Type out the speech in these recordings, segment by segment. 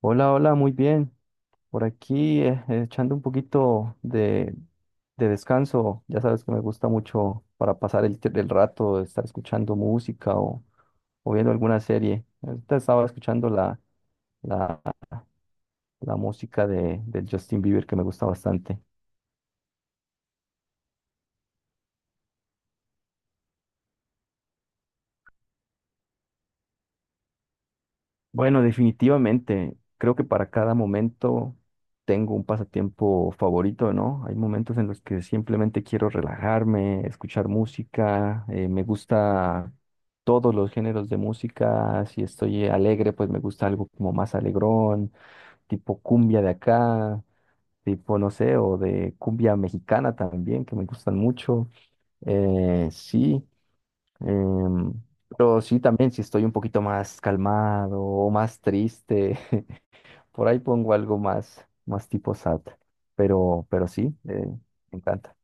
Hola, hola, muy bien. Por aquí echando un poquito de descanso. Ya sabes que me gusta mucho para pasar el rato, estar escuchando música o viendo alguna serie. Ahorita estaba escuchando la, la música de Justin Bieber que me gusta bastante. Bueno, definitivamente, creo que para cada momento tengo un pasatiempo favorito, ¿no? Hay momentos en los que simplemente quiero relajarme, escuchar música, me gusta todos los géneros de música. Si estoy alegre, pues me gusta algo como más alegrón, tipo cumbia de acá, tipo, no sé, o de cumbia mexicana también, que me gustan mucho. Sí. Em, pero sí, también si estoy un poquito más calmado o más triste, por ahí pongo algo más, más tipo sad. Pero sí, me encanta.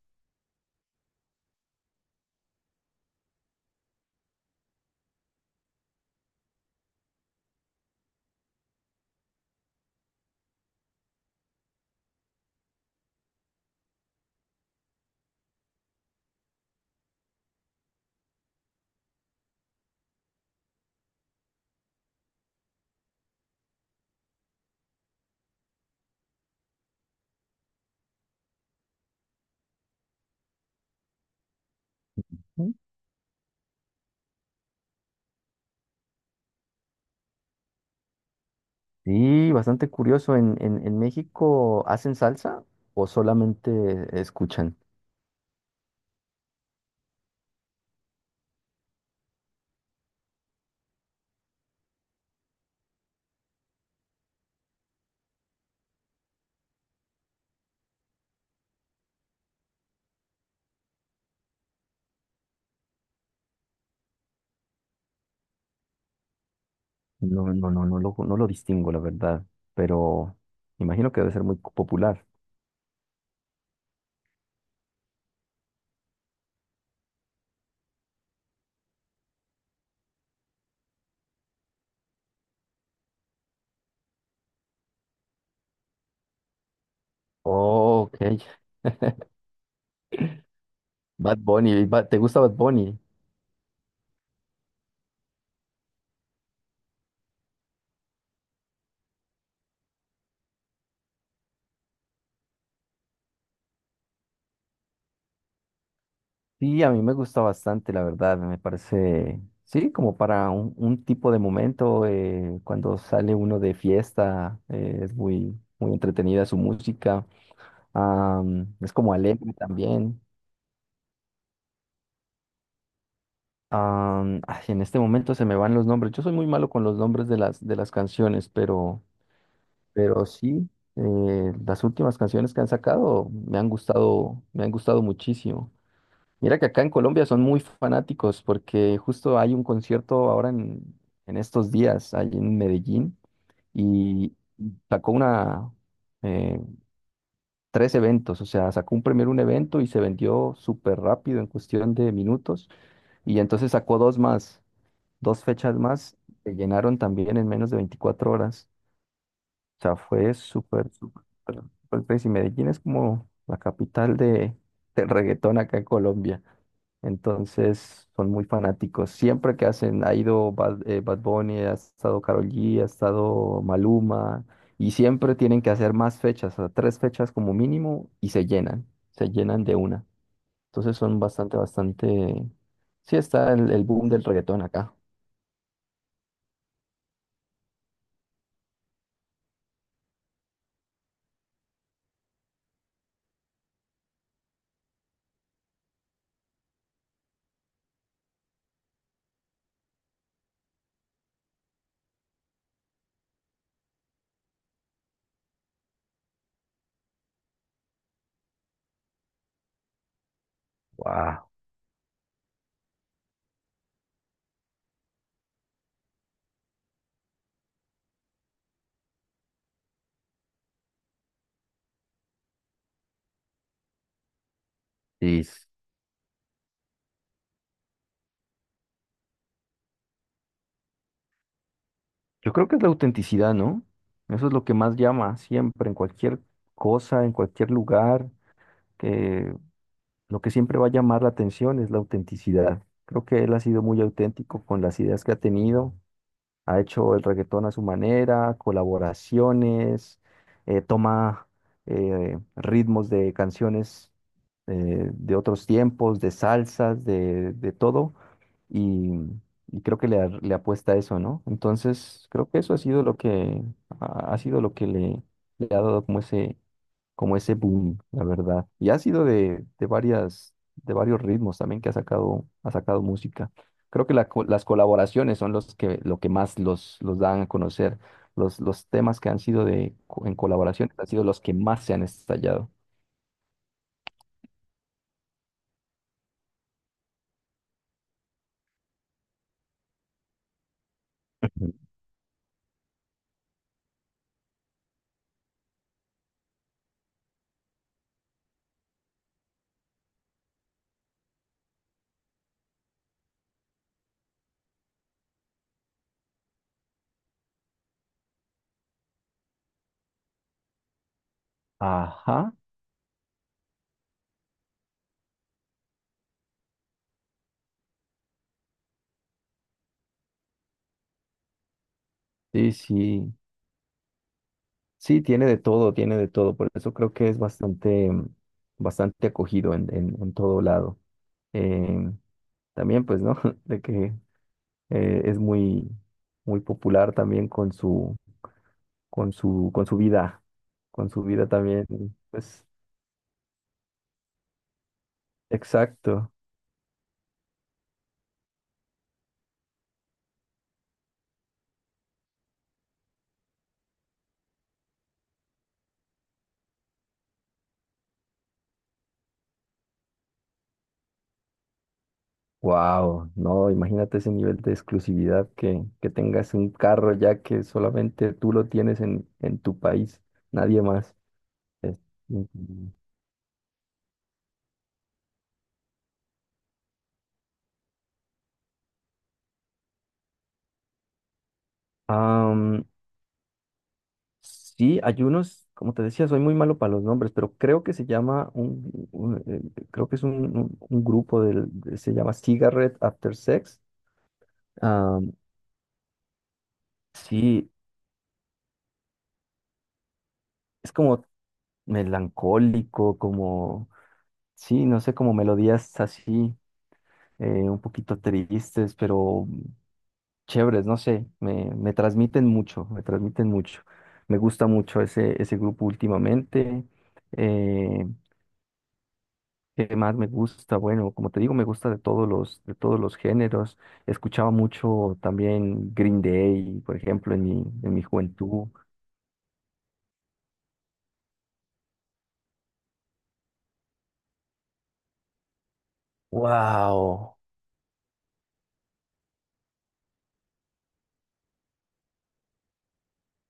Mm. Sí, bastante curioso. ¿En México hacen salsa o solamente escuchan? No, no lo distingo, la verdad. Pero imagino que debe ser muy popular. Oh, ok. Bad Bunny. ¿Te gusta Bad Bunny? Sí, a mí me gusta bastante, la verdad, me parece, sí, como para un tipo de momento, cuando sale uno de fiesta, es muy, muy entretenida su música, es como alegre también. Ay, en este momento se me van los nombres, yo soy muy malo con los nombres de las canciones, pero, pero sí, las últimas canciones que han sacado me han gustado muchísimo. Mira que acá en Colombia son muy fanáticos porque justo hay un concierto ahora en estos días, ahí en Medellín, y sacó eh, tres eventos. O sea, sacó un primero un evento y se vendió súper rápido en cuestión de minutos, y entonces sacó dos más, dos fechas más, se llenaron también en menos de 24 horas. O sea, fue súper, súper, súper, súper crazy. Medellín es como la capital de, del reggaetón acá en Colombia. Entonces son muy fanáticos. Siempre que hacen, ha ido Bad Bunny, ha estado Karol G, ha estado Maluma, y siempre tienen que hacer más fechas, a tres fechas como mínimo, y se llenan de una. Entonces son bastante, bastante. Sí, está el boom del reggaetón acá. Wow. Y Yo creo que es la autenticidad, ¿no? Eso es lo que más llama siempre, en cualquier cosa, en cualquier lugar, que lo que siempre va a llamar la atención es la autenticidad. Creo que él ha sido muy auténtico con las ideas que ha tenido, ha hecho el reggaetón a su manera, colaboraciones, toma ritmos de canciones de otros tiempos, de salsas, de todo, y, y creo que le apuesta a eso, ¿no? Entonces, creo que eso ha sido lo que ha sido lo que le ha dado como ese boom, la verdad. Y ha sido de varias, de varios ritmos también que ha sacado música. Creo que las colaboraciones son lo que más los dan a conocer. Los temas que han sido en colaboración han sido los que más se han estallado. Ujú. Ajá, sí, sí, sí, tiene de todo, por eso creo que es bastante, mm, bastante acogido en todo lado. Em, también, pues, ¿no? De que es muy, muy popular también con su vida, con su vida también, pues, exacto. Wow, no, imagínate ese nivel de exclusividad que tengas un carro ya que solamente tú lo tienes en tu país, nadie más. Es increíble. Am, sí, hay unos, como te decía, soy muy malo para los nombres, pero creo que se llama creo que es un grupo se llama Cigarette After Sex. Sí, es como melancólico, como, sí, no sé, como melodías así, un poquito tristes, pero chéveres, no sé, me transmiten mucho, me transmiten mucho. Me gusta mucho ese grupo últimamente. Eh, ¿Qué más me gusta? Bueno, como te digo, me gusta de todos los géneros. Escuchaba mucho también Green Day, por ejemplo, en mi juventud. ¡Wow!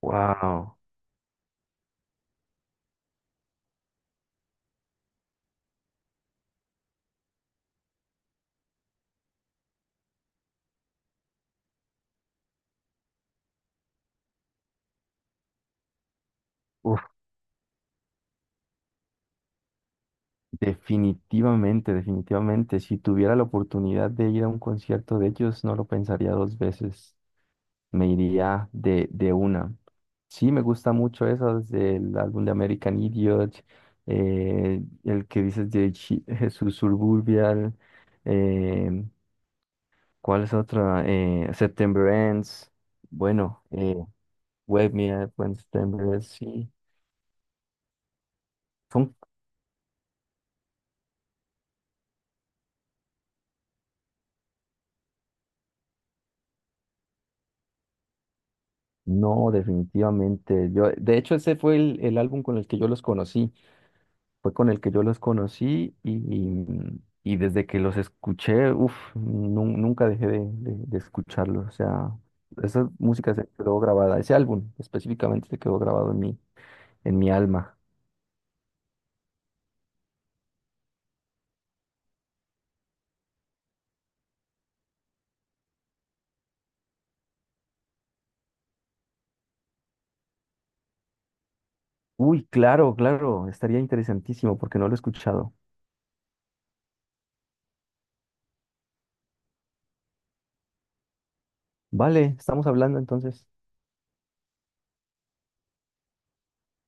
¡Wow! Definitivamente, definitivamente. Si tuviera la oportunidad de ir a un concierto de ellos, no lo pensaría dos veces. Me iría de una. Sí, me gusta mucho eso, desde el álbum de American Idiot, el que dices de Jesús Suburbial, eh, ¿cuál es otra? September Ends, bueno, Wake Me Up When September Ends, sí. Son- No, definitivamente. Yo, de hecho, ese fue el álbum con el que yo los conocí. Fue con el que yo los conocí y desde que los escuché, uff, nunca dejé de escucharlos. O sea, esa música se quedó grabada, ese álbum específicamente se quedó grabado en mi alma. Uy, claro, claro, estaría interesantísimo porque no lo he escuchado. Vale, estamos hablando entonces.